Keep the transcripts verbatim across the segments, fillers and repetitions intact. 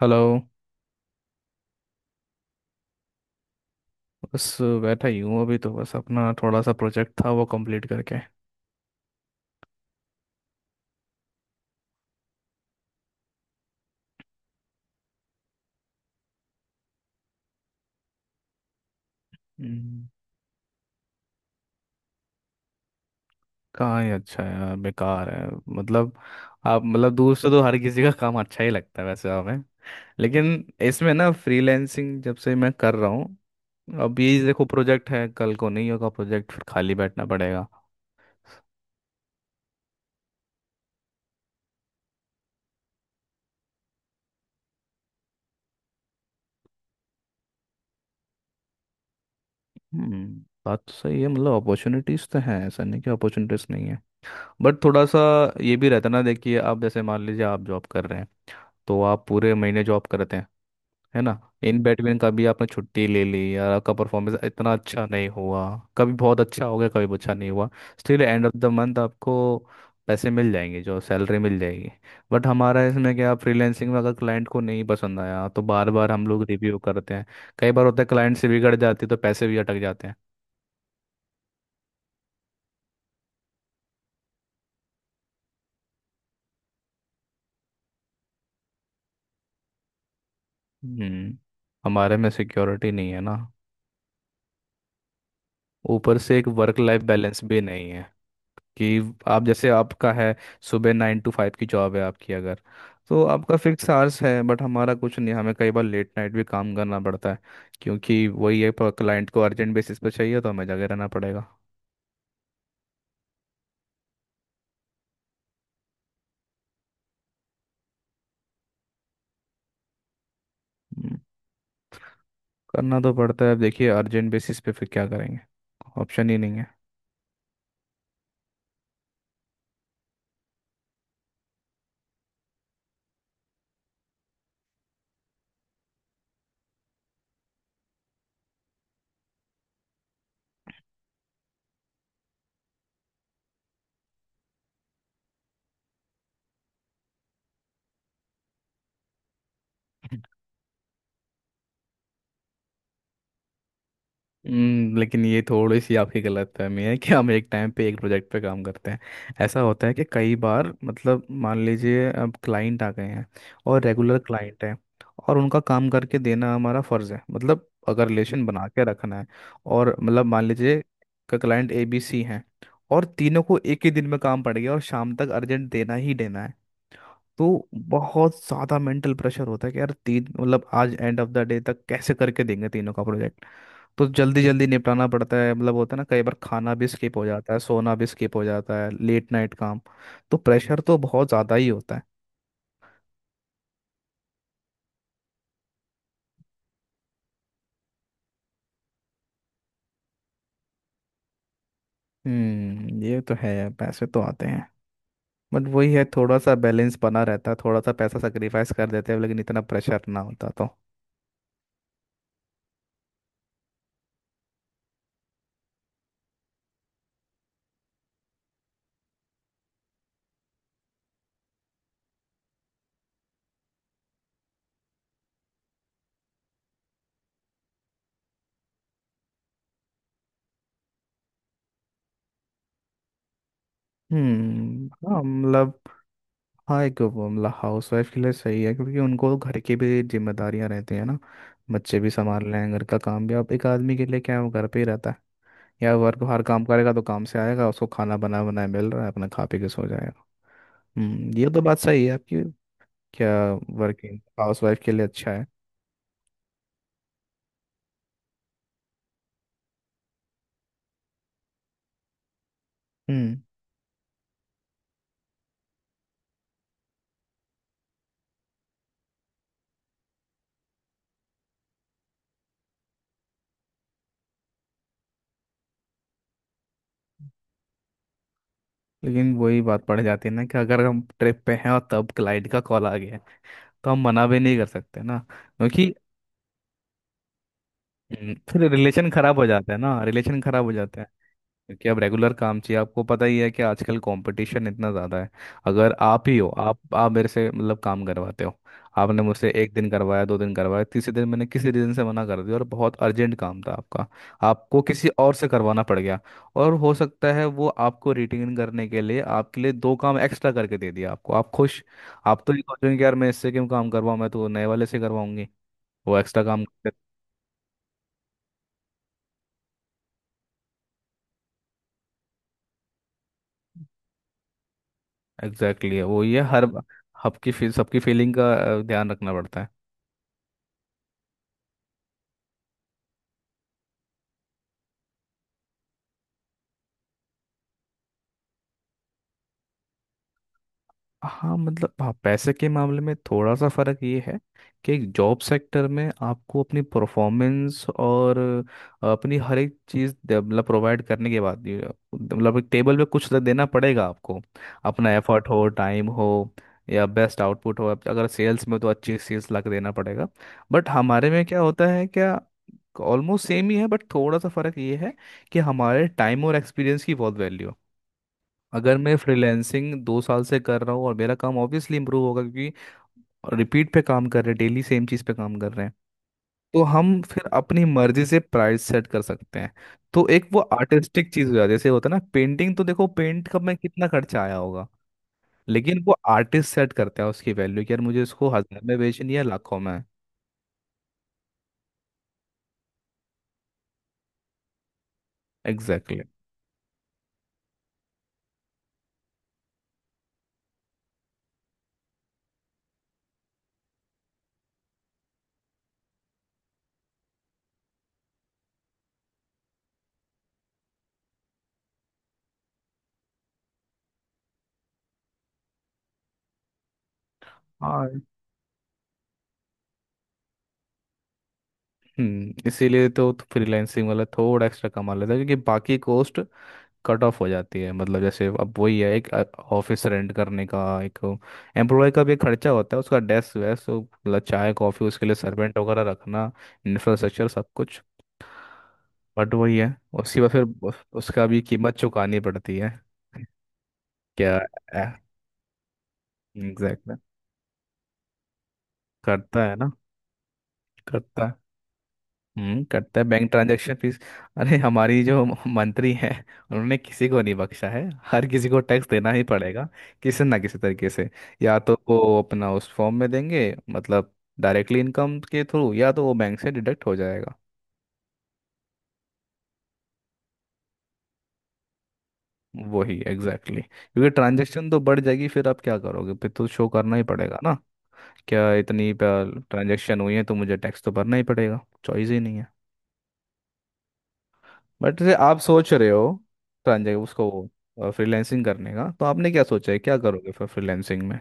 Hello. बस बैठा ही हूँ अभी तो बस अपना थोड़ा सा प्रोजेक्ट था वो कंप्लीट करके। हम्म। कहाँ ही अच्छा है यार, बेकार है। मतलब आप, मतलब दूर से तो हर किसी का काम अच्छा ही लगता है वैसे हमें। लेकिन इसमें ना फ्रीलैंसिंग जब से मैं कर रहा हूँ। अब ये देखो प्रोजेक्ट है, कल को नहीं होगा प्रोजेक्ट, फिर खाली बैठना पड़ेगा। हम्म। बात तो सही है, मतलब अपॉर्चुनिटीज़ तो हैं, ऐसा नहीं कि अपॉर्चुनिटीज़ नहीं है। बट थोड़ा सा ये भी रहता है ना, देखिए आप जैसे मान लीजिए, आप जॉब कर रहे हैं। तो आप पूरे महीने जॉब करते हैं, है ना। इन बैटमैन का भी आपने छुट्टी ले ली या आपका परफॉर्मेंस इतना अच्छा नहीं हुआ। कभी बहुत अच्छा हो गया, कभी अच्छा नहीं हुआ। Still end of the month आपको पैसे मिल जाएंगे, जो सैलरी मिल जाएगी। बट हमारा इसमें क्या, फ्रीलैंसिंग में अगर क्लाइंट को नहीं पसंद आया तो बार बार हम लोग रिव्यू करते हैं। कई बार होता है क्लाइंट से बिगड़ जाती है, तो पैसे भी अटक जाते हैं। हम्म। हमारे में सिक्योरिटी नहीं है ना। ऊपर से एक वर्क लाइफ बैलेंस भी नहीं है, कि आप जैसे आपका है। सुबह नाइन टू फाइव की जॉब है आपकी अगर, तो आपका फिक्स आवर्स है। बट हमारा कुछ नहीं, हमें कई बार लेट नाइट भी काम करना पड़ता है। क्योंकि वही है क्लाइंट को अर्जेंट बेसिस पे चाहिए, तो हमें जगह रहना पड़ेगा। हम्म, करना तो पड़ता है। अब देखिए अर्जेंट बेसिस पे फिर क्या करेंगे, ऑप्शन ही नहीं है। हम्म, लेकिन ये थोड़ी सी आपकी गलतफहमी है कि हम एक टाइम पे एक प्रोजेक्ट पे काम करते हैं। ऐसा होता है कि कई बार मतलब मान लीजिए अब क्लाइंट आ गए हैं, और रेगुलर क्लाइंट हैं। और उनका काम करके देना हमारा फर्ज है, मतलब अगर रिलेशन बना के रखना है। और मतलब मान लीजिए क्लाइंट ए बी सी हैं, और तीनों को एक ही दिन में काम पड़ गया, और शाम तक अर्जेंट देना ही देना है। तो बहुत ज़्यादा मेंटल प्रेशर होता है कि यार, तीन मतलब आज एंड ऑफ द डे तक कैसे करके देंगे तीनों का प्रोजेक्ट। तो जल्दी जल्दी निपटाना पड़ता है, मतलब होता है ना कई बार खाना भी स्किप हो जाता है, सोना भी स्किप हो जाता है, लेट नाइट काम। तो प्रेशर तो बहुत ज़्यादा ही होता है। हम्म ये तो है, पैसे तो आते हैं। बट वही है, थोड़ा सा बैलेंस बना रहता है, थोड़ा सा पैसा सेक्रीफाइस कर देते हैं, लेकिन इतना प्रेशर ना होता तो। हम्म, हाँ, मतलब हाँ, एक वो, मतलब हाउस वाइफ के लिए सही है क्योंकि उनको तो घर की भी जिम्मेदारियां रहती हैं ना। बच्चे भी संभालने हैं, घर का काम भी, अब एक आदमी के लिए क्या है, वो घर पे ही रहता है। या वर्क बाहर काम करेगा तो काम से आएगा, उसको खाना बना बनाया मिल रहा है, अपना खा पी के सो जाएगा। हम्म ये तो बात सही है आपकी। क्या, वर्किंग हाउस वाइफ के लिए अच्छा है। हम्म लेकिन वही बात पड़ जाती है ना कि अगर हम ट्रिप पे हैं और तब क्लाइंट का कॉल आ गया। तो हम मना भी नहीं कर सकते ना क्योंकि। हम्म, फिर रिलेशन खराब हो जाता है ना, रिलेशन खराब हो जाता है। क्योंकि अब रेगुलर काम चाहिए, आपको पता ही है कि आजकल कंपटीशन इतना ज़्यादा है। अगर आप ही हो, आप आप मेरे से मतलब काम करवाते हो। आपने मुझसे एक दिन करवाया, दो दिन करवाया, तीसरे दिन मैंने किसी रीज़न से मना कर दिया और बहुत अर्जेंट काम था आपका। आपको किसी और से करवाना पड़ गया। और हो सकता है वो आपको रिटेन करने के लिए आपके लिए दो काम एक्स्ट्रा करके दे दिया, आपको आप खुश। आप तो ये सोचेंगे कि यार मैं इससे क्यों काम करवाऊँ, मैं तो नए वाले से करवाऊंगी। वो एक्स्ट्रा काम करते। एग्जैक्टली exactly, वो ये हर सबकी फी- सबकी फीलिंग का अ, ध्यान रखना पड़ता है। हाँ मतलब, हाँ पैसे के मामले में थोड़ा सा फर्क ये है कि जॉब सेक्टर में आपको अपनी परफॉर्मेंस और अपनी हर एक चीज़ दे- मतलब प्रोवाइड करने के बाद ये, मतलब एक टेबल पे कुछ तो देना पड़ेगा आपको। अपना एफर्ट हो, टाइम हो, या बेस्ट आउटपुट हो। अब अगर सेल्स में तो अच्छी सेल्स ला के देना पड़ेगा। बट हमारे में क्या होता है, क्या ऑलमोस्ट सेम ही है, बट थोड़ा सा फर्क ये है कि हमारे टाइम और एक्सपीरियंस की बहुत वैल्यू। अगर मैं फ्रीलैंसिंग दो साल से कर रहा हूँ और मेरा काम ऑब्वियसली इंप्रूव होगा क्योंकि रिपीट पे काम कर रहे हैं, डेली सेम चीज़ पे काम कर रहे हैं। तो हम फिर अपनी मर्जी से प्राइस सेट कर सकते हैं। तो एक वो आर्टिस्टिक चीज़ हो जाती है, जैसे होता है ना पेंटिंग, तो देखो पेंट का मैं कितना खर्चा आया होगा, लेकिन वो आर्टिस्ट सेट करता है उसकी वैल्यू कि यार मुझे इसको हज़ार में बेचनी है, लाखों में। Exactly exactly। हाँ। हम्म इसीलिए तो फ्रीलांसिंग वाला थोड़ा एक्स्ट्रा कमा लेता है, क्योंकि बाकी कॉस्ट कट ऑफ हो जाती है। मतलब जैसे अब वही है एक ऑफिस रेंट करने का, एक एम्प्लॉय का भी एक खर्चा होता है उसका, डेस्क वेस्क तो मतलब चाय कॉफ़ी, उसके लिए सर्वेंट वगैरह रखना, इंफ्रास्ट्रक्चर सब कुछ। बट वही है उसके बाद फिर उस- उसका भी कीमत चुकानी पड़ती है। क्या, एग्जैक्टली। करता है ना। करता है। हम्म करता है बैंक ट्रांजैक्शन फीस। अरे हमारी जो म- मंत्री हैं, उन्होंने किसी को नहीं बख्शा है। हर किसी को टैक्स देना ही पड़ेगा, किसी ना किसी तरीके से। या तो वो अपना उस फॉर्म में देंगे, मतलब डायरेक्टली इनकम के थ्रू, या तो वो बैंक से डिडक्ट हो जाएगा। वही एग्जैक्टली exactly। क्योंकि ट्रांजैक्शन तो बढ़ जाएगी, फिर आप क्या करोगे, फिर तो शो करना ही पड़ेगा ना। क्या इतनी ट्रांजैक्शन हुई है, तो मुझे टैक्स तो भरना ही पड़ेगा। चॉइस ही नहीं है। बट आप सोच रहे हो ट्रांजे उसको, फ्रीलैंसिंग करने का तो आपने क्या सोचा है, क्या करोगे फिर फ्रीलैंसिंग में।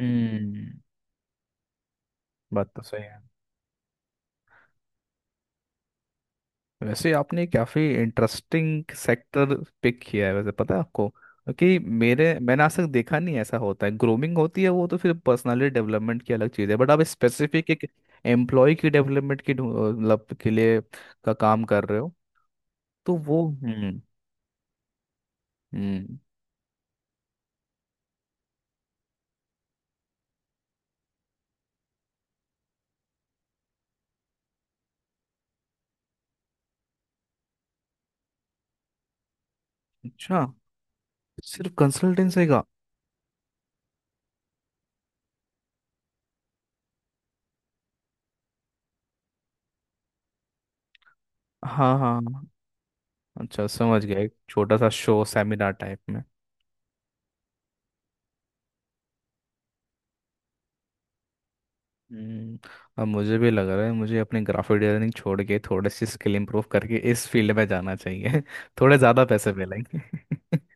हम्म। बात तो सही है। वैसे आपने काफ़ी इंटरेस्टिंग सेक्टर पिक किया है वैसे, पता है आपको, क्योंकि मेरे मैंने आज तक देखा नहीं ऐसा होता है, ग्रूमिंग होती है वो तो, फिर पर्सनालिटी डेवलपमेंट की अलग चीज़ है बट आप स्पेसिफिक एक एम्प्लॉय की डेवलपमेंट की ढूं- मतलब के लिए का काम कर रहे हो। तो वो, हम्म हम्म। अच्छा, सिर्फ कंसल्टेंसी का। हाँ हाँ हाँ। अच्छा, समझ गया, एक छोटा सा शो सेमिनार टाइप में। हम्म अब मुझे भी लग रहा है, मुझे अपने ग्राफिक डिजाइनिंग छोड़ के थोड़ी सी स्किल इंप्रूव करके इस फील्ड में जाना चाहिए थोड़े ज़्यादा पैसे मिलेंगे।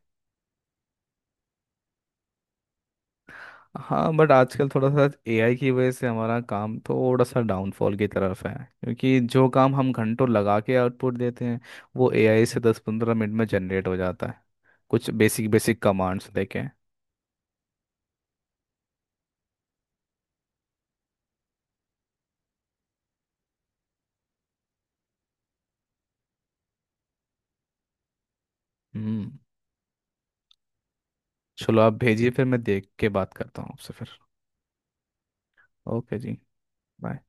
हाँ, बट आजकल थोड़ा सा एआई की वजह से हमारा काम थोड़ा सा डाउनफॉल की तरफ है क्योंकि जो काम हम घंटों लगा के आउटपुट देते हैं वो एआई से दस पंद्रह मिनट में जनरेट हो जाता है, कुछ बेसिक बेसिक कमांड्स देके। हम्म चलो आप भेजिए, फिर मैं देख के बात करता हूँ आपसे फिर। ओके जी। बाय।